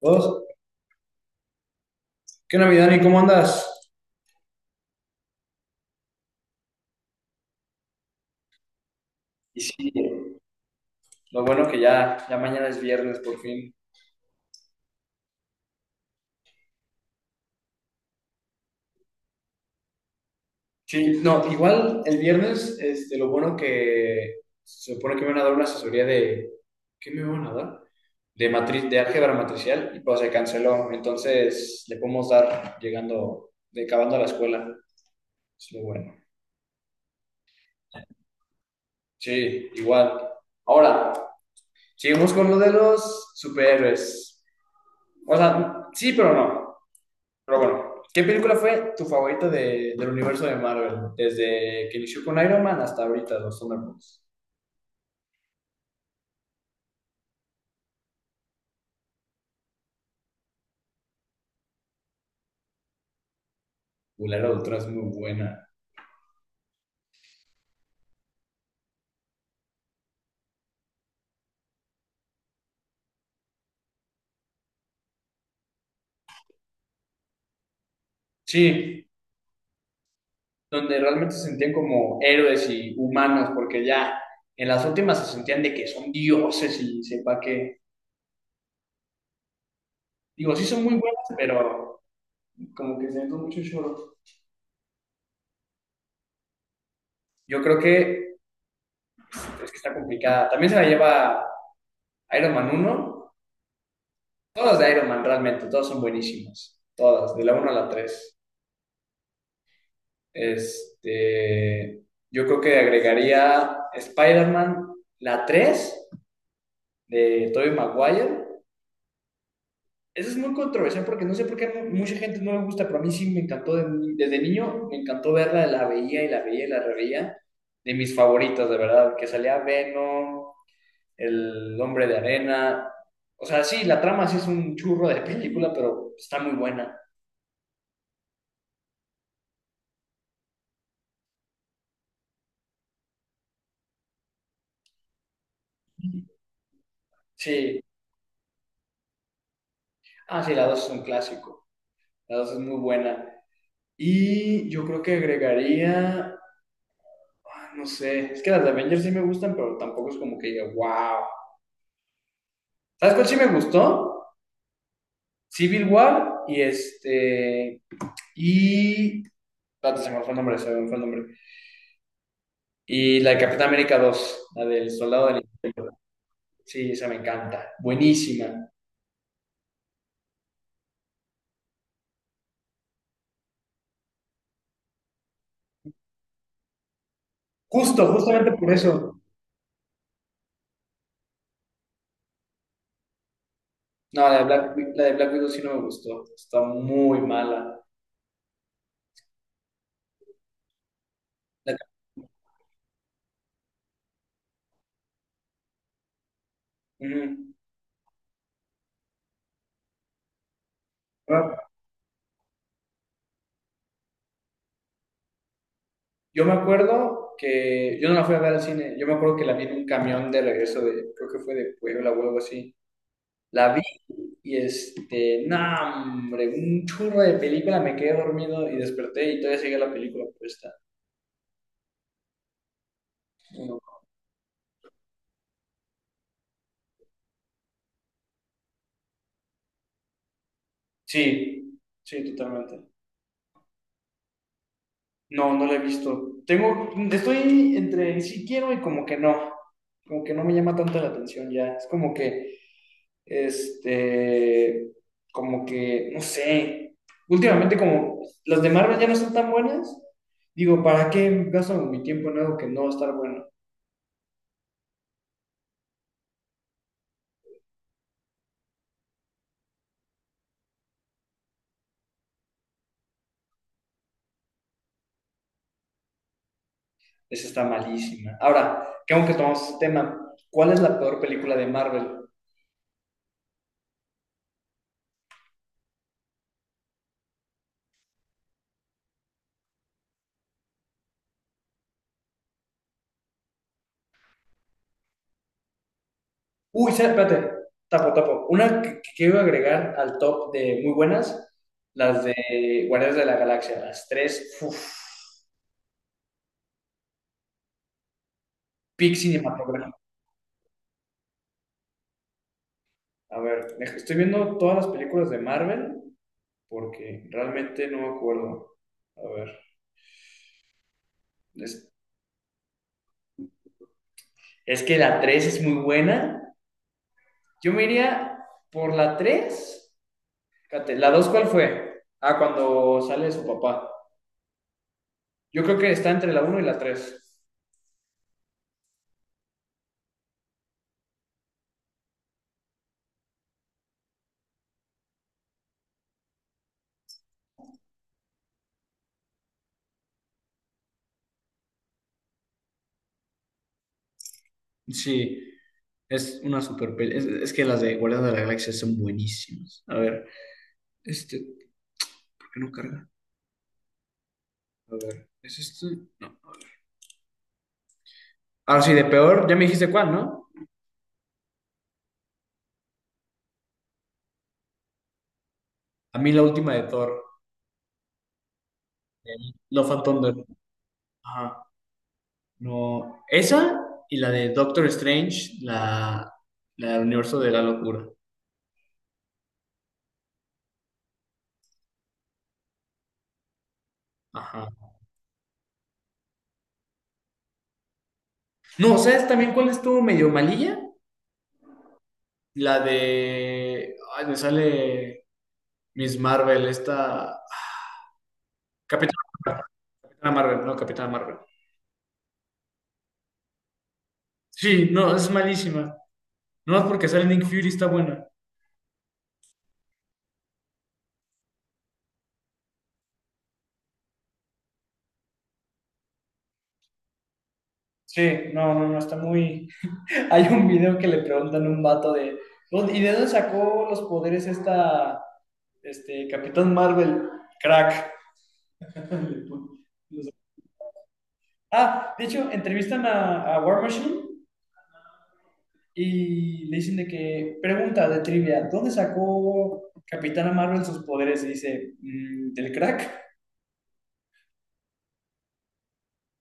Dos. ¿Qué onda, mi Dani? ¿Cómo andas? Y sí, lo bueno que ya mañana es viernes por fin. Sí, no, igual el viernes, este, lo bueno que se supone que me van a dar una asesoría de, ¿qué me van a dar? De matriz, de álgebra matricial, y pues se canceló, entonces le podemos dar llegando, de, acabando la escuela. Es lo bueno. Sí, igual. Ahora, seguimos con lo de los superhéroes. O sea, sí, pero no. Pero bueno, ¿qué película fue tu favorita del universo de Marvel? Desde que inició con Iron Man hasta ahorita, los Thunderbolts. Uy, La Era de Ultron es muy buena. Sí, donde realmente se sentían como héroes y humanos, porque ya en las últimas se sentían de que son dioses y sepa que... Digo, sí son muy buenas, pero como que se ven mucho choro. Yo creo que es que está complicada. También se la lleva Iron Man uno. Todas de Iron Man realmente, todas son buenísimas. Todas, de la uno a la tres. Este, yo creo que agregaría Spider-Man, la 3 de Tobey Maguire. Eso es muy controversial porque no sé por qué mucha gente no le gusta, pero a mí sí me encantó de ni- desde niño, me encantó verla, la veía y la veía y la reveía. De mis favoritas, de verdad, que salía Venom, El Hombre de Arena. O sea, sí, la trama sí es un churro de película, pero está muy buena. Sí. Ah, sí, la 2 es un clásico. La 2 es muy buena. Y yo creo que agregaría, ah, no sé, es que las de Avengers sí me gustan, pero tampoco es como que diga, wow. ¿Sabes cuál sí me gustó? Civil War y y, espérate, se me fue el nombre, se me fue el nombre. Y la de Capitán América dos, la del Soldado del Invierno. Sí, esa me encanta, buenísima. Justo, justamente por eso. No, la de la de Black Widow sí no me gustó, está muy mala. La- Ujú. Yo me acuerdo que yo no la fui a ver al cine, yo me acuerdo que la vi en un camión de regreso de, creo que fue de Puebla o algo así. La vi y no, hombre, un churro de película, me quedé dormido y desperté y todavía sigue la película puesta. No. Sí, sí, totalmente. No, no la he visto. Tengo, estoy entre sí quiero y como que no me llama tanto la atención ya. Es como que Este, como que, no sé, últimamente como las de Marvel ya no son tan buenas, digo, ¿para qué gasto mi tiempo en algo que no va a estar bueno? Esa está malísima. Ahora, que aunque tomamos este tema, ¿cuál es la peor película de Marvel? Uy, espérate, tapo, tapo. Una que quiero agregar al top de muy buenas, las de Guardianes de la Galaxia, las tres, uf, peak cinematográfico. A ver, estoy viendo todas las películas de Marvel porque realmente no me acuerdo. A ver, es- Es que la 3 es muy buena. Yo me iría por la tres. Fíjate, ¿la 2 cuál fue? Ah, cuando sale su papá. Yo creo que está entre la uno y la tres. Sí, es una super peli. Es que las de Guardianes de la Galaxia son buenísimas. A ver, este, ¿por qué no carga? A ver, ¿es este? No, a ver. Ahora sí, de peor, ya me dijiste cuál, ¿no? A mí la última de Thor, el Love and Thunder. Ajá. No, esa y la de Doctor Strange, la del universo de la locura. Ajá. No, ¿sabes también cuál estuvo medio malilla? La de... Ay, me sale Miss Marvel, esta... Capitana Marvel, Capitana Marvel. Sí, no, es malísima. No, es porque sale Nick Fury, está buena. Sí, no, está muy... Hay un video que le preguntan a un vato de... "¿Dónde- ¿Y de dónde sacó los poderes esta... Capitán Marvel? Crack. Ah, de hecho, entrevistan a War Machine y le dicen de que, pregunta de trivia, ¿dónde sacó Capitana Marvel sus poderes? Y dice, "Mm, ¿del crack?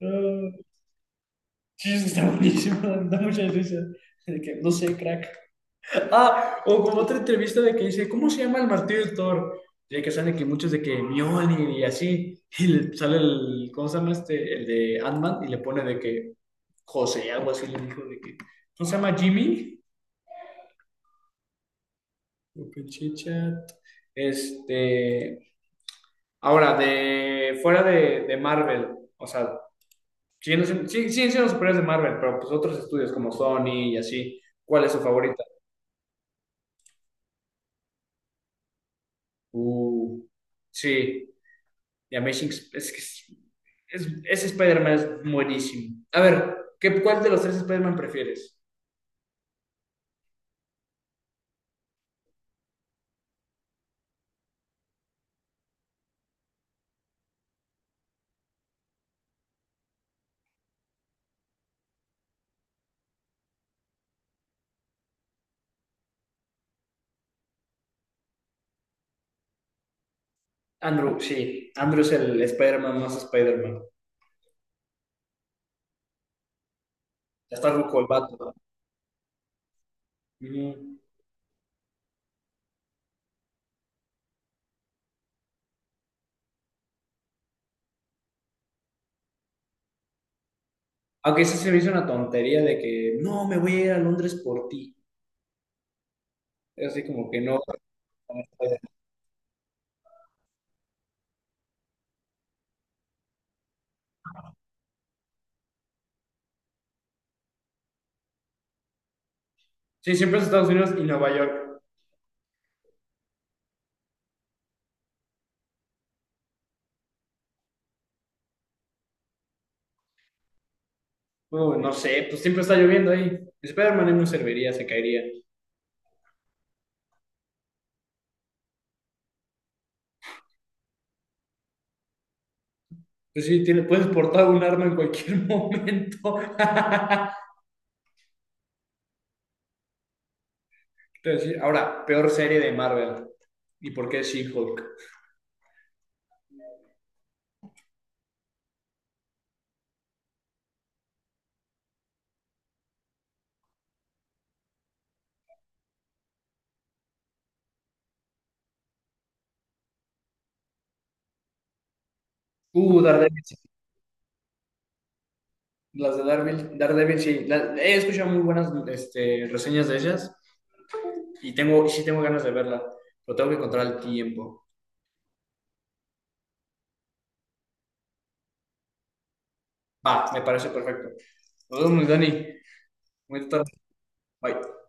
Ah, sí, está buenísimo, da mucha risa. De que, no sé, crack. Ah, o como otra entrevista de que dice, ¿cómo se llama el martillo del Thor? Y que salen que muchos de que Mjolnir y así, y le sale el, ¿cómo se llama este? El de Ant-Man y le pone de que José, algo así le dijo de que, ¿cómo se llama Jimmy? Open Chit Chat. Este, ahora, de fuera de Marvel, o sea, siguen siendo, sí, siguen siendo superiores de Marvel, pero pues otros estudios como Sony y así, ¿cuál es su favorita? Uh, sí. The Amazing es que es- ese Spider-Man es buenísimo. A ver, ¿cuál de los tres Spider-Man prefieres? Andrew, sí. Andrew es el Spider-Man más Spider-Man. Ya está ruco el vato, ¿no? Mm. Aunque ese se me hizo una tontería de que no, me voy a ir a Londres por ti. Es así como que no. Sí, siempre es Estados Unidos y Nueva York. No sé, pues siempre está lloviendo ahí. Spider-Man no serviría, se caería. Pues sí, tiene, puedes portar un arma en cualquier momento. Te voy a decir, ahora, peor serie de Marvel. ¿Y por qué She-Hulk? Daredevil. Las de Daredevil sí. He escuchado muy buenas este, reseñas de ellas y tengo, sí tengo ganas de verla, pero tengo que encontrar el tiempo. Va, me parece perfecto. Nos vemos, Dani. Muy tarde. Bye.